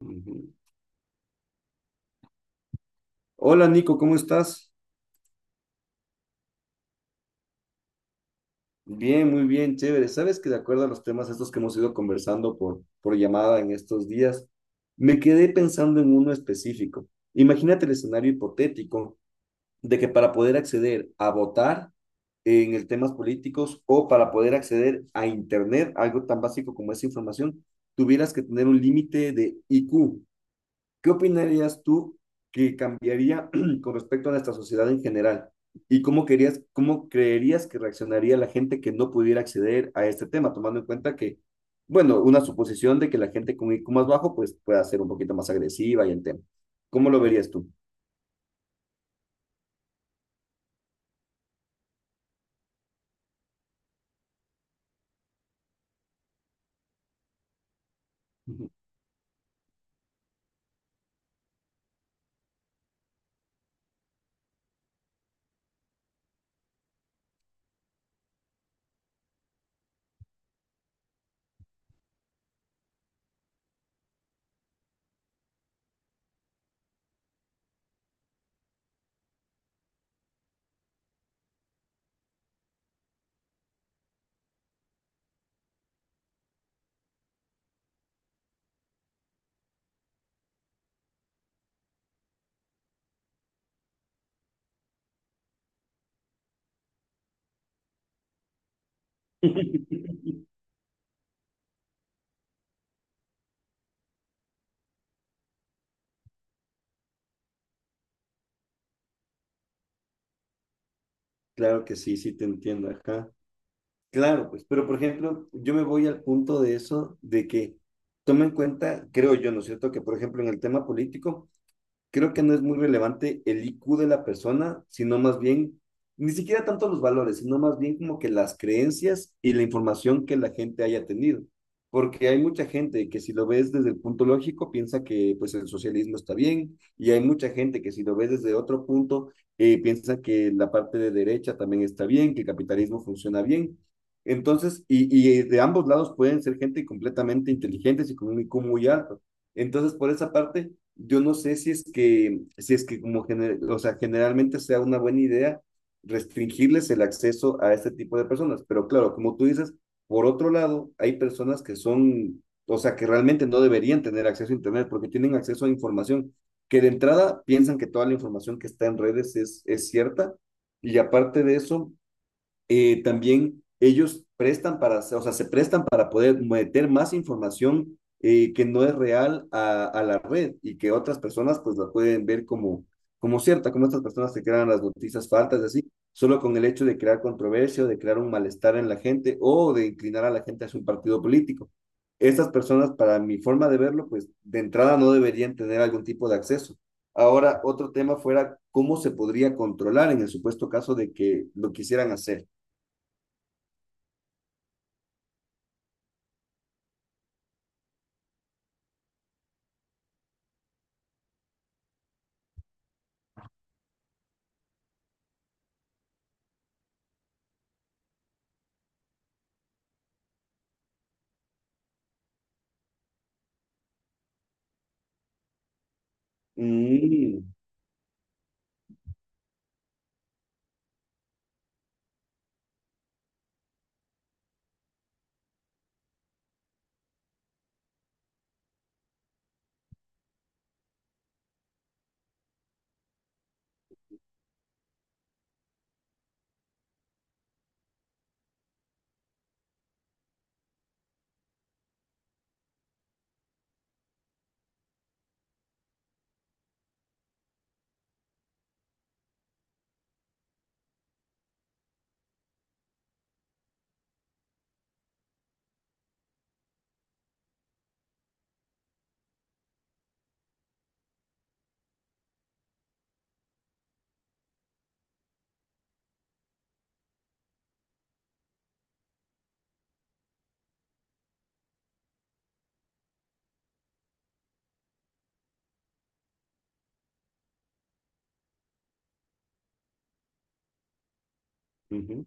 Ujú. Hola Nico, ¿cómo estás? Bien, muy bien, chévere. Sabes que de acuerdo a los temas estos que hemos ido conversando por llamada en estos días, me quedé pensando en uno específico. Imagínate el escenario hipotético de que para poder acceder a votar en el temas políticos o para poder acceder a Internet, algo tan básico como esa información, tuvieras que tener un límite de IQ. ¿Qué opinarías tú que cambiaría con respecto a nuestra sociedad en general? ¿Y cómo querías, cómo creerías que reaccionaría la gente que no pudiera acceder a este tema, tomando en cuenta que, bueno, una suposición de que la gente con IQ más bajo pues pueda ser un poquito más agresiva y el tema. ¿Cómo lo verías tú? Ujú. Claro que sí, sí te entiendo, ajá. Claro, pues, pero por ejemplo, yo me voy al punto de eso, de que toma en cuenta, creo yo, ¿no es cierto?, que por ejemplo en el tema político, creo que no es muy relevante el IQ de la persona, sino más bien, ni siquiera tanto los valores, sino más bien como que las creencias y la información que la gente haya tenido. Porque hay mucha gente que si lo ves desde el punto lógico piensa que pues el socialismo está bien y hay mucha gente que si lo ves desde otro punto piensa que la parte de derecha también está bien, que el capitalismo funciona bien. Entonces, y de ambos lados pueden ser gente completamente inteligentes y con un IQ muy alto entonces, por esa parte, yo no sé si es que, si es que o sea, generalmente sea una buena idea restringirles el acceso a este tipo de personas. Pero claro, como tú dices, por otro lado, hay personas que son, o sea, que realmente no deberían tener acceso a Internet porque tienen acceso a información que de entrada piensan que toda la información que está en redes es cierta. Y aparte de eso, también ellos prestan para, o sea, se prestan para poder meter más información que no es real la red y que otras personas pues la pueden ver como, como cierta, como estas personas que crean las noticias falsas así, solo con el hecho de crear controversia o de crear un malestar en la gente o de inclinar a la gente hacia un partido político. Estas personas, para mi forma de verlo, pues de entrada no deberían tener algún tipo de acceso. Ahora, otro tema fuera cómo se podría controlar en el supuesto caso de que lo quisieran hacer. Mm, ujú,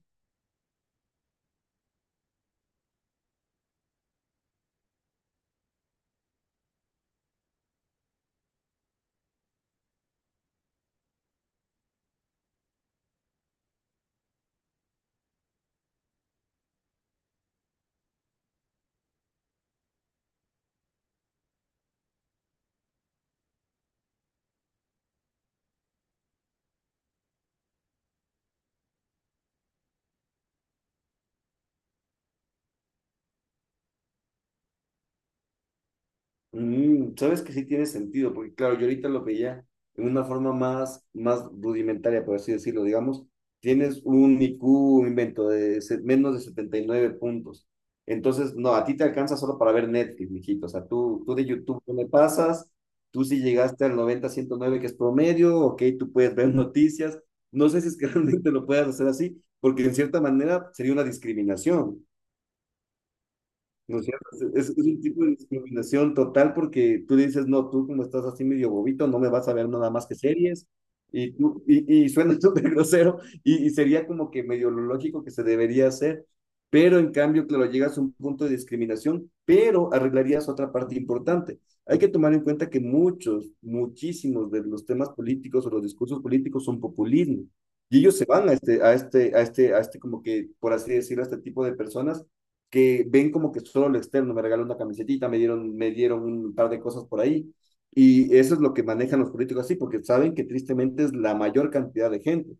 sabes que sí tiene sentido, porque claro, yo ahorita lo veía en una forma más rudimentaria, por así decirlo, digamos, tienes un IQ, un invento de menos de 79 puntos. Entonces, no, a ti te alcanza solo para ver Netflix, mijito. O sea, tú de YouTube no le pasas, tú si llegaste al 90 109 que es promedio, ok, tú puedes ver noticias. No sé si es que realmente lo puedas hacer así, porque en cierta manera sería una discriminación. ¿No es cierto? Es un tipo de discriminación total porque tú dices, no, tú como estás así medio bobito, no me vas a ver nada más que series. Y suena súper grosero y sería como que medio lo lógico que se debería hacer. Pero en cambio, claro, llegas a un punto de discriminación, pero arreglarías otra parte importante. Hay que tomar en cuenta que muchos, muchísimos de los temas políticos o los discursos políticos son populismo. Y ellos se van a este, como que, por así decirlo, a este tipo de personas que ven como que solo lo externo, me regaló una camisetita, me dieron un par de cosas por ahí. Y eso es lo que manejan los políticos así, porque saben que tristemente es la mayor cantidad de gente.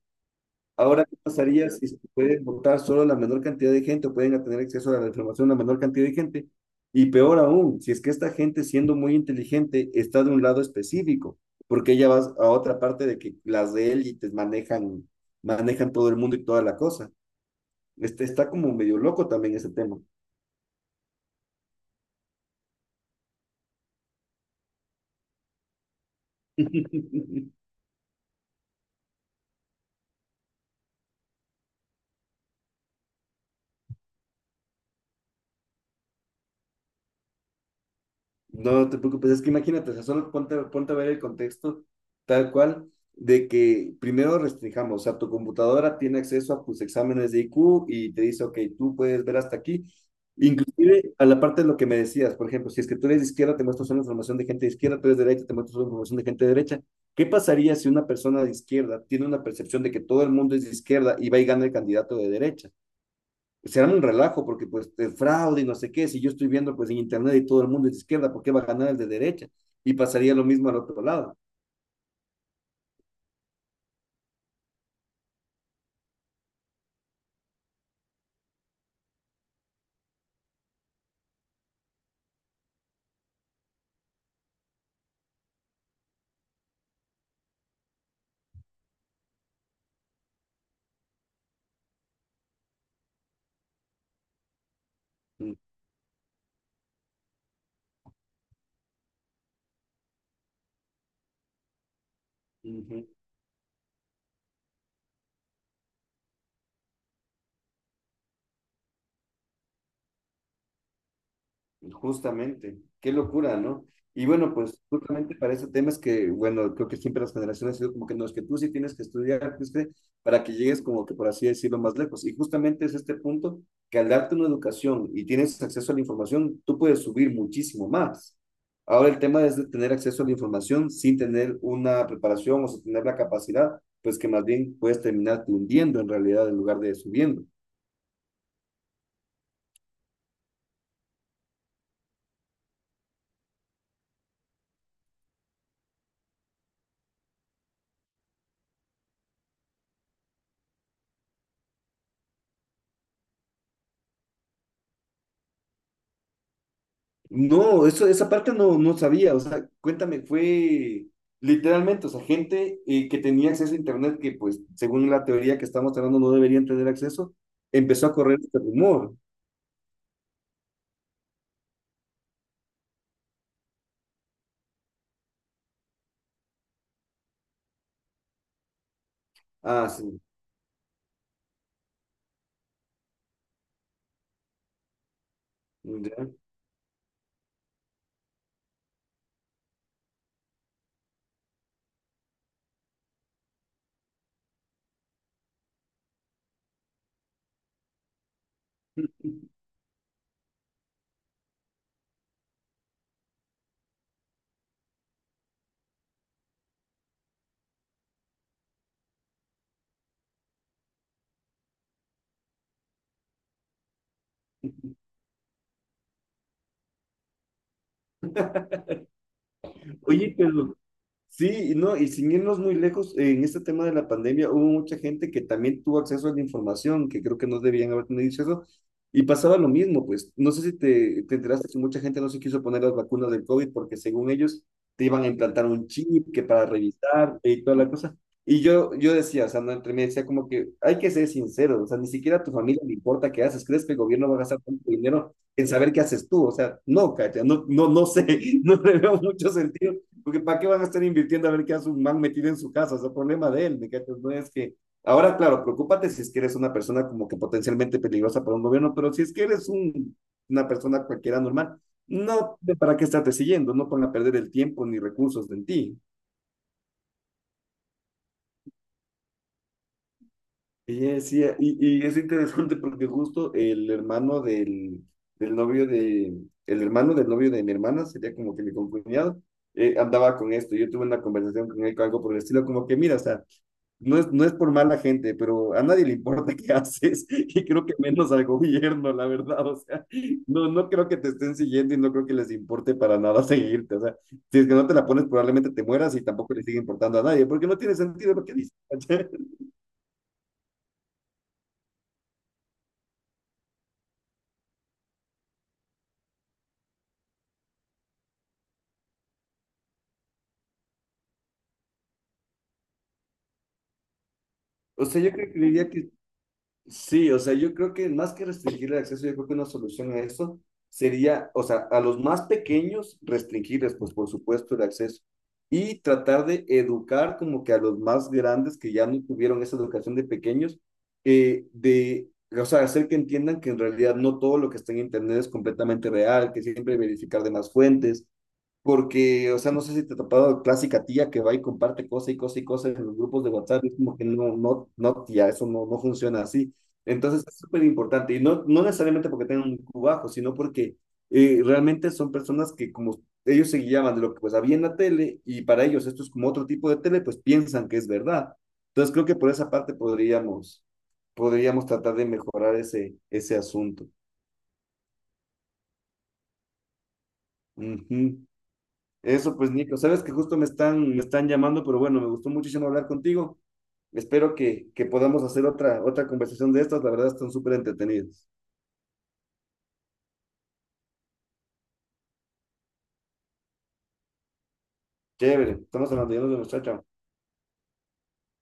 Ahora, ¿qué pasaría si se puede votar solo la menor cantidad de gente o pueden tener acceso a la información la menor cantidad de gente? Y peor aún, si es que esta gente, siendo muy inteligente, está de un lado específico, porque ella va a otra parte de que las de élites manejan todo el mundo y toda la cosa. Este, está como medio loco también ese tema. No te preocupes, es que imagínate, o sea, ponte a ver el contexto tal cual de que primero restringamos, o sea, tu computadora tiene acceso a tus exámenes de IQ y te dice, ok, tú puedes ver hasta aquí. Inclusive a la parte de lo que me decías, por ejemplo, si es que tú eres de izquierda, te muestra solo información de gente de izquierda, tú eres de derecha, te muestra solo información de gente de derecha. ¿Qué pasaría si una persona de izquierda tiene una percepción de que todo el mundo es de izquierda y va y gana el candidato de derecha? Será un relajo porque pues de fraude y no sé qué, si yo estoy viendo pues en internet y todo el mundo es de izquierda, ¿por qué va a ganar el de derecha? Y pasaría lo mismo al otro lado. Mm. Ujú. Justamente, qué locura, ¿no? Y bueno, pues justamente para ese tema es que, bueno, creo que siempre las generaciones han sido como que no, es que tú sí tienes que estudiar, pues, que para que llegues como que, por así decirlo, más lejos. Y justamente es este punto que al darte una educación y tienes acceso a la información, tú puedes subir muchísimo más. Ahora el tema es de tener acceso a la información sin tener una preparación o sin tener la capacidad, pues que más bien puedes terminarte hundiendo en realidad en lugar de subiendo. No, eso, esa parte no sabía, o sea, cuéntame, fue literalmente, o sea, gente que tenía acceso a internet, que pues según la teoría que estamos hablando no deberían tener acceso, empezó a correr este rumor. Ah, sí. Ya. Oye, pero sí, y no, y sin irnos muy lejos, en este tema de la pandemia hubo mucha gente que también tuvo acceso a la información, que creo que no debían haber tenido acceso, y pasaba lo mismo, pues. No sé si te enteraste que mucha gente no se quiso poner las vacunas del COVID porque según ellos te iban a implantar un chip que para revisar y toda la cosa. Y yo decía, o sea, no, entre mí decía como que hay que ser sincero, o sea, ni siquiera a tu familia le importa qué haces, ¿crees que el gobierno va a gastar tanto dinero en saber qué haces tú? O sea, no, Katia, no, no, no sé, no le veo mucho sentido porque ¿para qué van a estar invirtiendo a ver qué hace un man metido en su casa? Es el problema de él, ¿me cachas? No es que... Ahora, claro, preocúpate si es que eres una persona como que potencialmente peligrosa para un gobierno, pero si es que eres una persona cualquiera normal, no tiene para qué estarte siguiendo, no ponga a perder el tiempo ni recursos en ti. Y es, y es interesante porque justo del novio de, el hermano del novio de mi hermana, sería como que mi concuñado, andaba con esto. Yo tuve una conversación con él, con algo por el estilo, como que mira, o sea, no es por mala gente, pero a nadie le importa qué haces y creo que menos al gobierno, la verdad. O sea, no, no creo que te estén siguiendo y no creo que les importe para nada seguirte. O sea, si es que no te la pones, probablemente te mueras y tampoco le sigue importando a nadie, porque no tiene sentido lo que dices. ¿Cachai? O sea, yo creo que diría que sí, o sea, yo creo que más que restringir el acceso, yo creo que una solución a eso sería, o sea, a los más pequeños restringirles, pues por supuesto, el acceso y tratar de educar como que a los más grandes que ya no tuvieron esa educación de pequeños, eh, de, o sea, hacer que entiendan que en realidad no todo lo que está en Internet es completamente real, que siempre hay que verificar de más fuentes, porque, o sea, no sé si te ha topado clásica tía que va y comparte cosa y cosa y cosa en los grupos de WhatsApp, es como que no, no, no, tía, eso no, no funciona así. Entonces es súper importante, y no, no necesariamente porque tengan un IQ bajo, sino porque realmente son personas que como ellos se guiaban de lo que pues había en la tele, y para ellos esto es como otro tipo de tele, pues piensan que es verdad. Entonces creo que por esa parte podríamos tratar de mejorar ese, ese asunto. Ujú. Eso pues, Nico, sabes que justo me están llamando, pero bueno, me gustó muchísimo hablar contigo. Espero que podamos hacer otra conversación de estas. La verdad, están súper entretenidas. Chévere, estamos hablando, ya nos vemos, chao, chao.